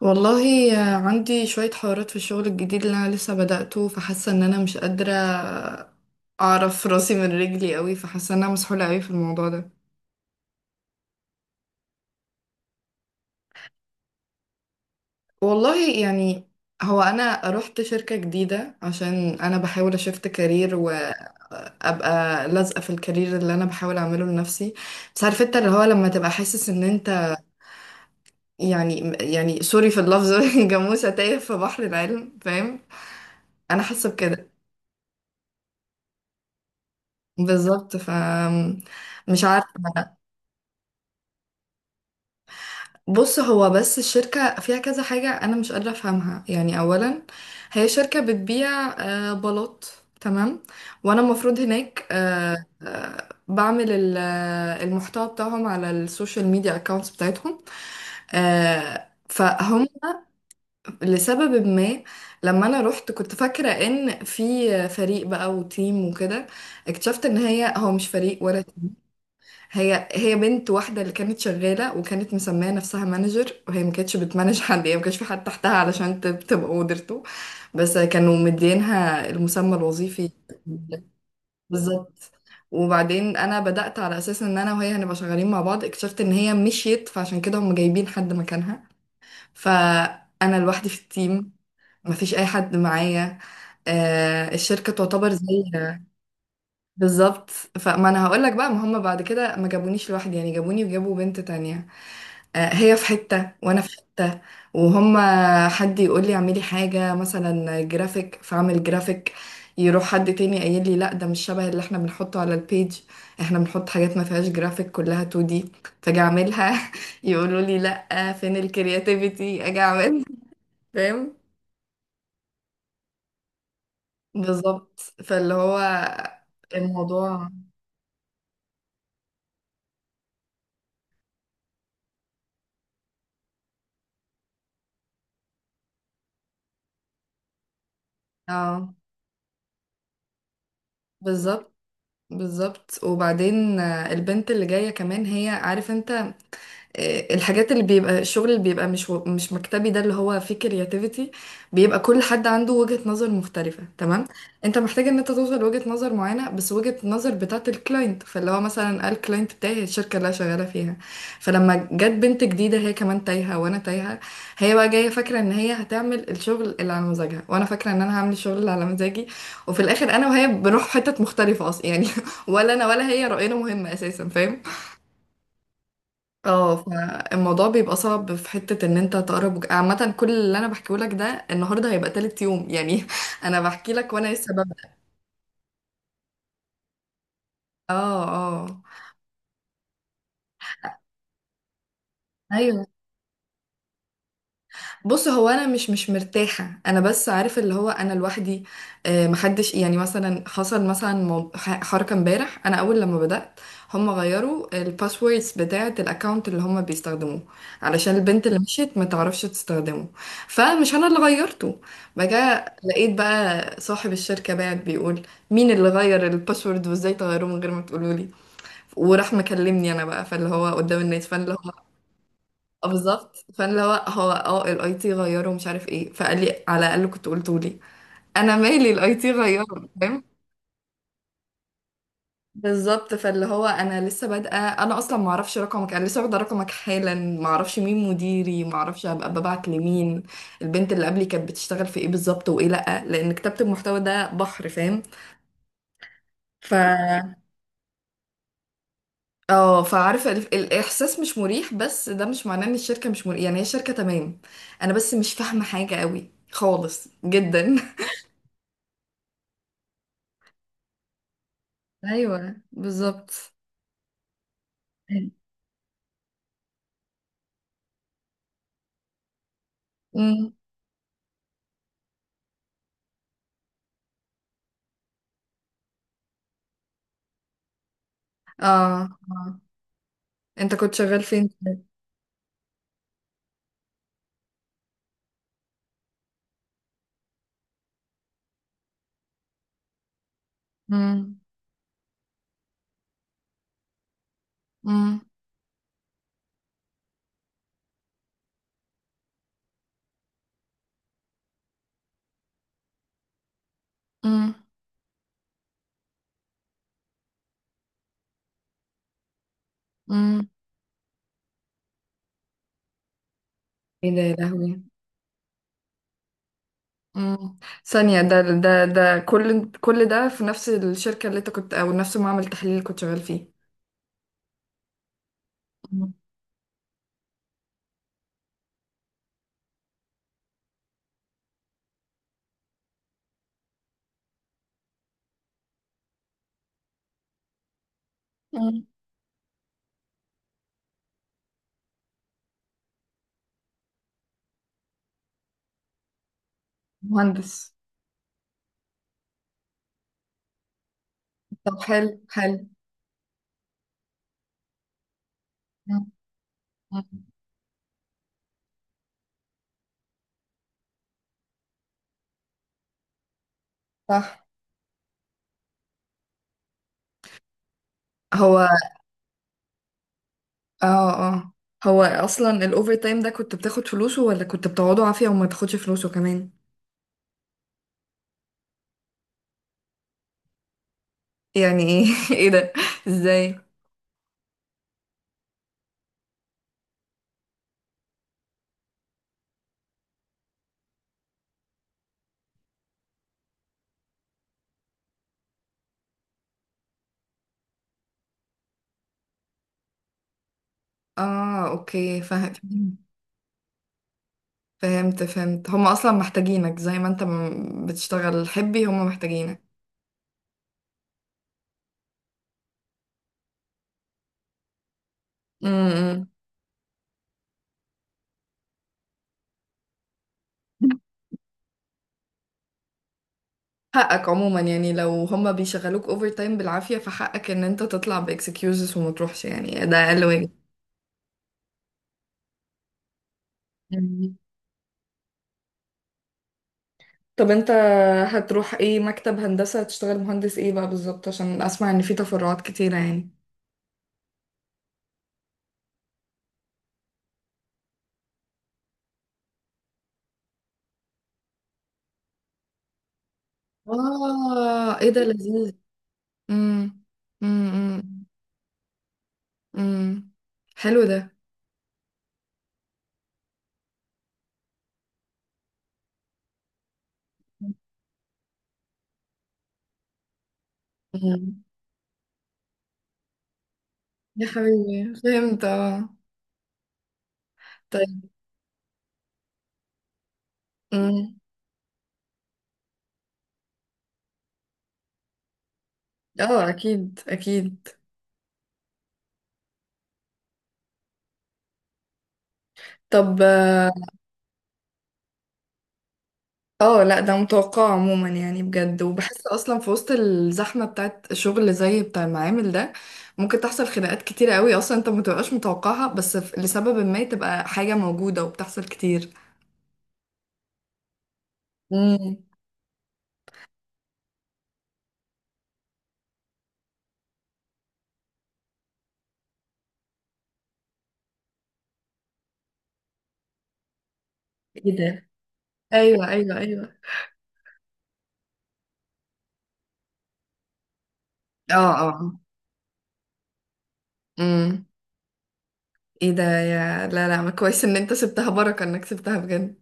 والله، عندي شوية حوارات في الشغل الجديد اللي أنا لسه بدأته، فحاسة إن أنا مش قادرة أعرف راسي من رجلي قوي. فحاسة إن أنا مسحولة قوي في الموضوع ده. والله يعني، هو أنا رحت شركة جديدة عشان أنا بحاول أشفت كارير وأبقى لازقة في الكارير اللي أنا بحاول أعمله لنفسي. بس عارف أنت اللي هو لما تبقى حاسس إن أنت يعني سوري في اللفظ. جاموسة تايه في بحر العلم، فاهم؟ أنا حاسة بكده بالظبط. ف مش عارفة. بص، هو بس الشركة فيها كذا حاجة أنا مش قادرة أفهمها. يعني أولا هي شركة بتبيع بلاط، تمام؟ وأنا المفروض هناك بعمل المحتوى بتاعهم على السوشيال ميديا أكاونتس بتاعتهم. فهم. لسبب ما لما أنا رحت كنت فاكرة إن في فريق بقى وتيم وكده. اكتشفت إن هو مش فريق ولا هي بنت واحدة اللي كانت شغالة، وكانت مسمية نفسها مانجر، وهي ما كانتش بتمانج حد. يعني ما كانش في حد تحتها علشان تبقى مديرته، بس كانوا مدينها المسمى الوظيفي. بالظبط. وبعدين انا بدأت على اساس ان انا وهي هنبقى شغالين مع بعض. اكتشفت ان هي مشيت، فعشان كده هم جايبين حد مكانها. فانا لوحدي في التيم، مفيش اي حد معايا. الشركة تعتبر زي. بالظبط. فما انا هقول لك بقى، ما هم بعد كده ما جابونيش لوحدي، يعني جابوني وجابوا بنت تانية. هي في حتة وانا في حتة. وهم، حد يقول لي اعملي حاجة مثلا جرافيك فاعمل جرافيك، يروح حد تاني قايل لي لا ده مش شبه اللي احنا بنحطه على البيج، احنا بنحط حاجات ما فيهاش جرافيك كلها 2 دي. فاجي اعملها يقولوا لي لا فين الكرياتيفيتي. اجي اعمل، فاهم؟ بالظبط. فاللي هو الموضوع، اه بالظبط. بالظبط. وبعدين البنت اللي جاية كمان، هي عارف انت، الحاجات اللي بيبقى الشغل اللي بيبقى مش مش مكتبي ده، اللي هو فيه كرياتيفيتي، بيبقى كل حد عنده وجهة نظر مختلفة، تمام؟ انت محتاج ان انت توصل لوجهة نظر معينة، بس وجهة النظر بتاعت الكلاينت. فاللي هو مثلا قال، الكلاينت بتاعي هي الشركة اللي انا شغالة فيها. فلما جت بنت جديدة، هي كمان تايهة وانا تايهة. هي بقى جاية فاكرة ان هي هتعمل الشغل اللي على مزاجها، وانا فاكرة ان انا هعمل الشغل اللي على مزاجي. وفي الاخر انا وهي بنروح حتت مختلفة اصلا. يعني ولا انا ولا هي رأينا مهم اساسا، فاهم؟ اه. فالموضوع بيبقى صعب في حتة ان انت تقرب عامة، كل اللي انا بحكيه لك ده النهاردة هيبقى تالت يوم. يعني انا بحكي لك وانا لسه ببدأ. اه اه، ايوه. بص، هو انا مش مرتاحه، انا بس عارف اللي هو انا لوحدي. محدش، يعني مثلا حصل مثلا حركه امبارح انا اول لما بدات، هم غيروا الباسوردز بتاعه الاكونت اللي هم بيستخدموه علشان البنت اللي مشيت ما تعرفش تستخدمه. فمش انا اللي غيرته. بقى لقيت بقى صاحب الشركه بعت بيقول، مين اللي غير الباسورد؟ وازاي تغيروه من غير ما تقولوا لي؟ وراح مكلمني انا بقى، فاللي هو قدام الناس. فاللي هو، اه بالظبط. فانا اللي هو، هو اه الاي تي غيره مش عارف ايه. فقال لي على الاقل كنت قلته لي. انا مالي؟ الاي تي غيره، فاهم؟ بالظبط. فاللي هو انا لسه بادئه، انا اصلا ما اعرفش رقمك، انا لسه واخده رقمك حالا، ما اعرفش مين مديري، ما اعرفش هبقى ببعت لمين، البنت اللي قبلي كانت بتشتغل في ايه بالظبط وايه، لا لان كتابه المحتوى ده بحر، فاهم؟ ف اه فعارفه الاحساس مش مريح، بس ده مش معناه ان الشركه مش مريح. يعني هي الشركه تمام، انا بس مش فاهمه حاجه قوي خالص جدا. ايوه بالظبط. امم، اه. انت كنت شغال فين؟ امم، امم، امم، امم. ايه ده يا لهوي! امم. ثانية، ده كل ده في نفس الشركة اللي انت كنت، او نفس معمل التحليل اللي كنت شغال فيه؟ مم. مم. مهندس؟ طب حلو حلو. مم. مم. صح. هو اه اه، هو اصلا الاوفر تايم ده كنت بتاخد فلوسه، ولا كنت بتقعده عافية وما تاخدش فلوسه كمان؟ يعني ايه؟ ايه ده؟ ازاي؟ اه اوكي، فاهم. فهمت فهمت، هم اصلا محتاجينك. زي ما انت بتشتغل حبي هم محتاجينك. امم. حقك عموما، يعني لو هم بيشغلوك اوفر تايم بالعافية فحقك ان انت تطلع باكسكيوزز وما تروحش. يعني ده اقل واجب. مم. طب انت هتروح ايه، مكتب هندسة؟ هتشتغل مهندس ايه بقى بالظبط؟ عشان اسمع ان في تفرعات كتيرة يعني. اه، ايه ده لذيذ! امم، امم، امم. حلو. ده، يا حبيبي فهمت اه. طيب. أمم. اه اكيد اكيد. طب اه، لا ده متوقع عموما يعني. بجد، وبحس اصلا في وسط الزحمه بتاعت شغل زي بتاع المعامل ده ممكن تحصل خناقات كتيره قوي اصلا انت ما تبقاش متوقعها. بس لسبب ما تبقى حاجه موجوده وبتحصل كتير. امم. ايه ده؟ ايوه ايوه ايوه. اه، اه. امم. ايه ده؟ يا لا لا، ما كويس ان انت سبتها، بركه انك سبتها بجد.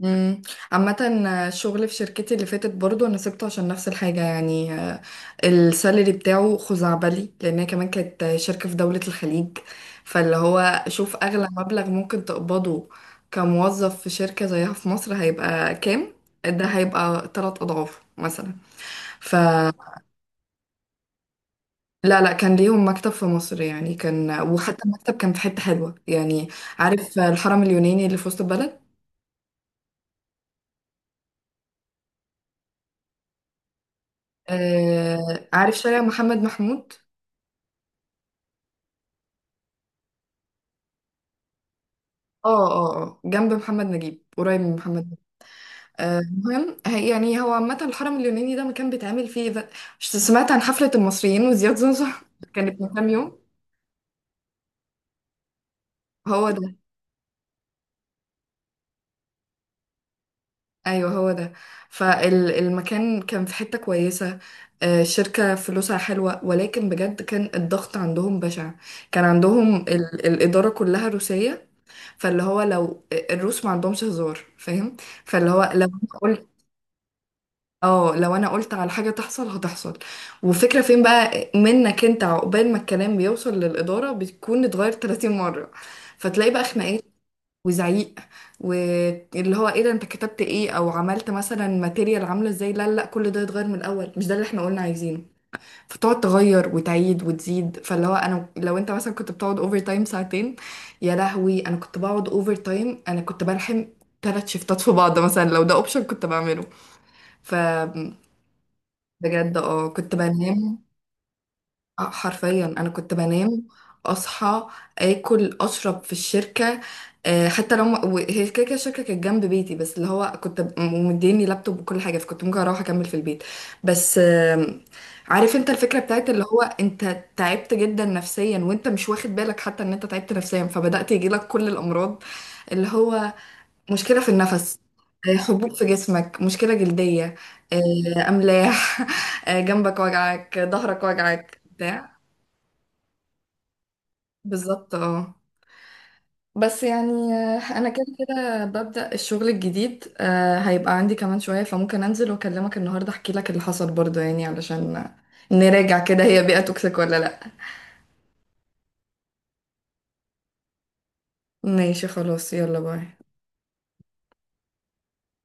مم. عامة الشغل في شركتي اللي فاتت برضو انا سبته عشان نفس الحاجة. يعني السالري بتاعه خزعبلي، لانها كمان كانت شركة في دولة الخليج. فاللي هو شوف اغلى مبلغ ممكن تقبضه كموظف في شركة زيها في مصر هيبقى كام. ده هيبقى تلات اضعاف مثلا. فلا، لا لا، كان ليهم مكتب في مصر يعني، كان وحتى المكتب كان في حتة حلوة يعني. عارف الحرم اليوناني اللي في وسط البلد؟ عارف شارع محمد محمود؟ اه اه اه، جنب محمد نجيب، قريب من محمد نجيب. المهم يعني هو عامة الحرم اليوناني ده مكان بيتعمل فيه ده، سمعت عن حفلة المصريين وزياد زوزو؟ كانت من كام يوم. هو ده. ايوه هو ده. فالمكان كان في حتة كويسة. الشركة فلوسها حلوة، ولكن بجد كان الضغط عندهم بشع. كان عندهم ال الإدارة كلها روسية. فاللي هو لو الروس ما عندهمش هزار، فاهم؟ فاللي هو لو، اه، لو انا قلت على حاجة تحصل هتحصل. وفكرة فين بقى منك انت، عقبال ما الكلام بيوصل للإدارة بتكون اتغير 30 مرة. فتلاقي بقى خناقات وزعيق، واللي هو ايه ده انت كتبت ايه، او عملت مثلا ماتيريال عاملة ازاي، لا لا كل ده يتغير من الأول، مش ده اللي احنا قلنا عايزينه. فتقعد تغير وتعيد وتزيد. فاللي هو انا لو انت مثلا كنت بتقعد اوفر تايم ساعتين، يا لهوي انا كنت بقعد اوفر تايم، انا كنت بلحم ثلاث شيفتات في بعض مثلا. لو ده اوبشن كنت بعمله. ف بجد، اه كنت بنام. اه حرفيا انا كنت بنام، اصحى، اكل، اشرب في الشركه. حتى لو هي كده كده الشركه كانت جنب بيتي، بس اللي هو كنت مديني لابتوب وكل حاجه، فكنت ممكن اروح اكمل في البيت. بس عارف انت الفكره بتاعت اللي هو انت تعبت جدا نفسيا وانت مش واخد بالك حتى ان انت تعبت نفسيا، فبدات يجيلك كل الامراض اللي هو، مشكلة في النفس، حبوب في جسمك، مشكلة جلدية، أملاح، جنبك وجعك، ظهرك وجعك بتاع. بالظبط اه. بس يعني أنا كده كده ببدأ الشغل الجديد، هيبقى عندي كمان شوية، فممكن أنزل وأكلمك النهاردة أحكي لك اللي حصل برضه. يعني علشان نراجع كده، هي بيئة توكسيك ولا لأ. ماشي خلاص، يلا باي.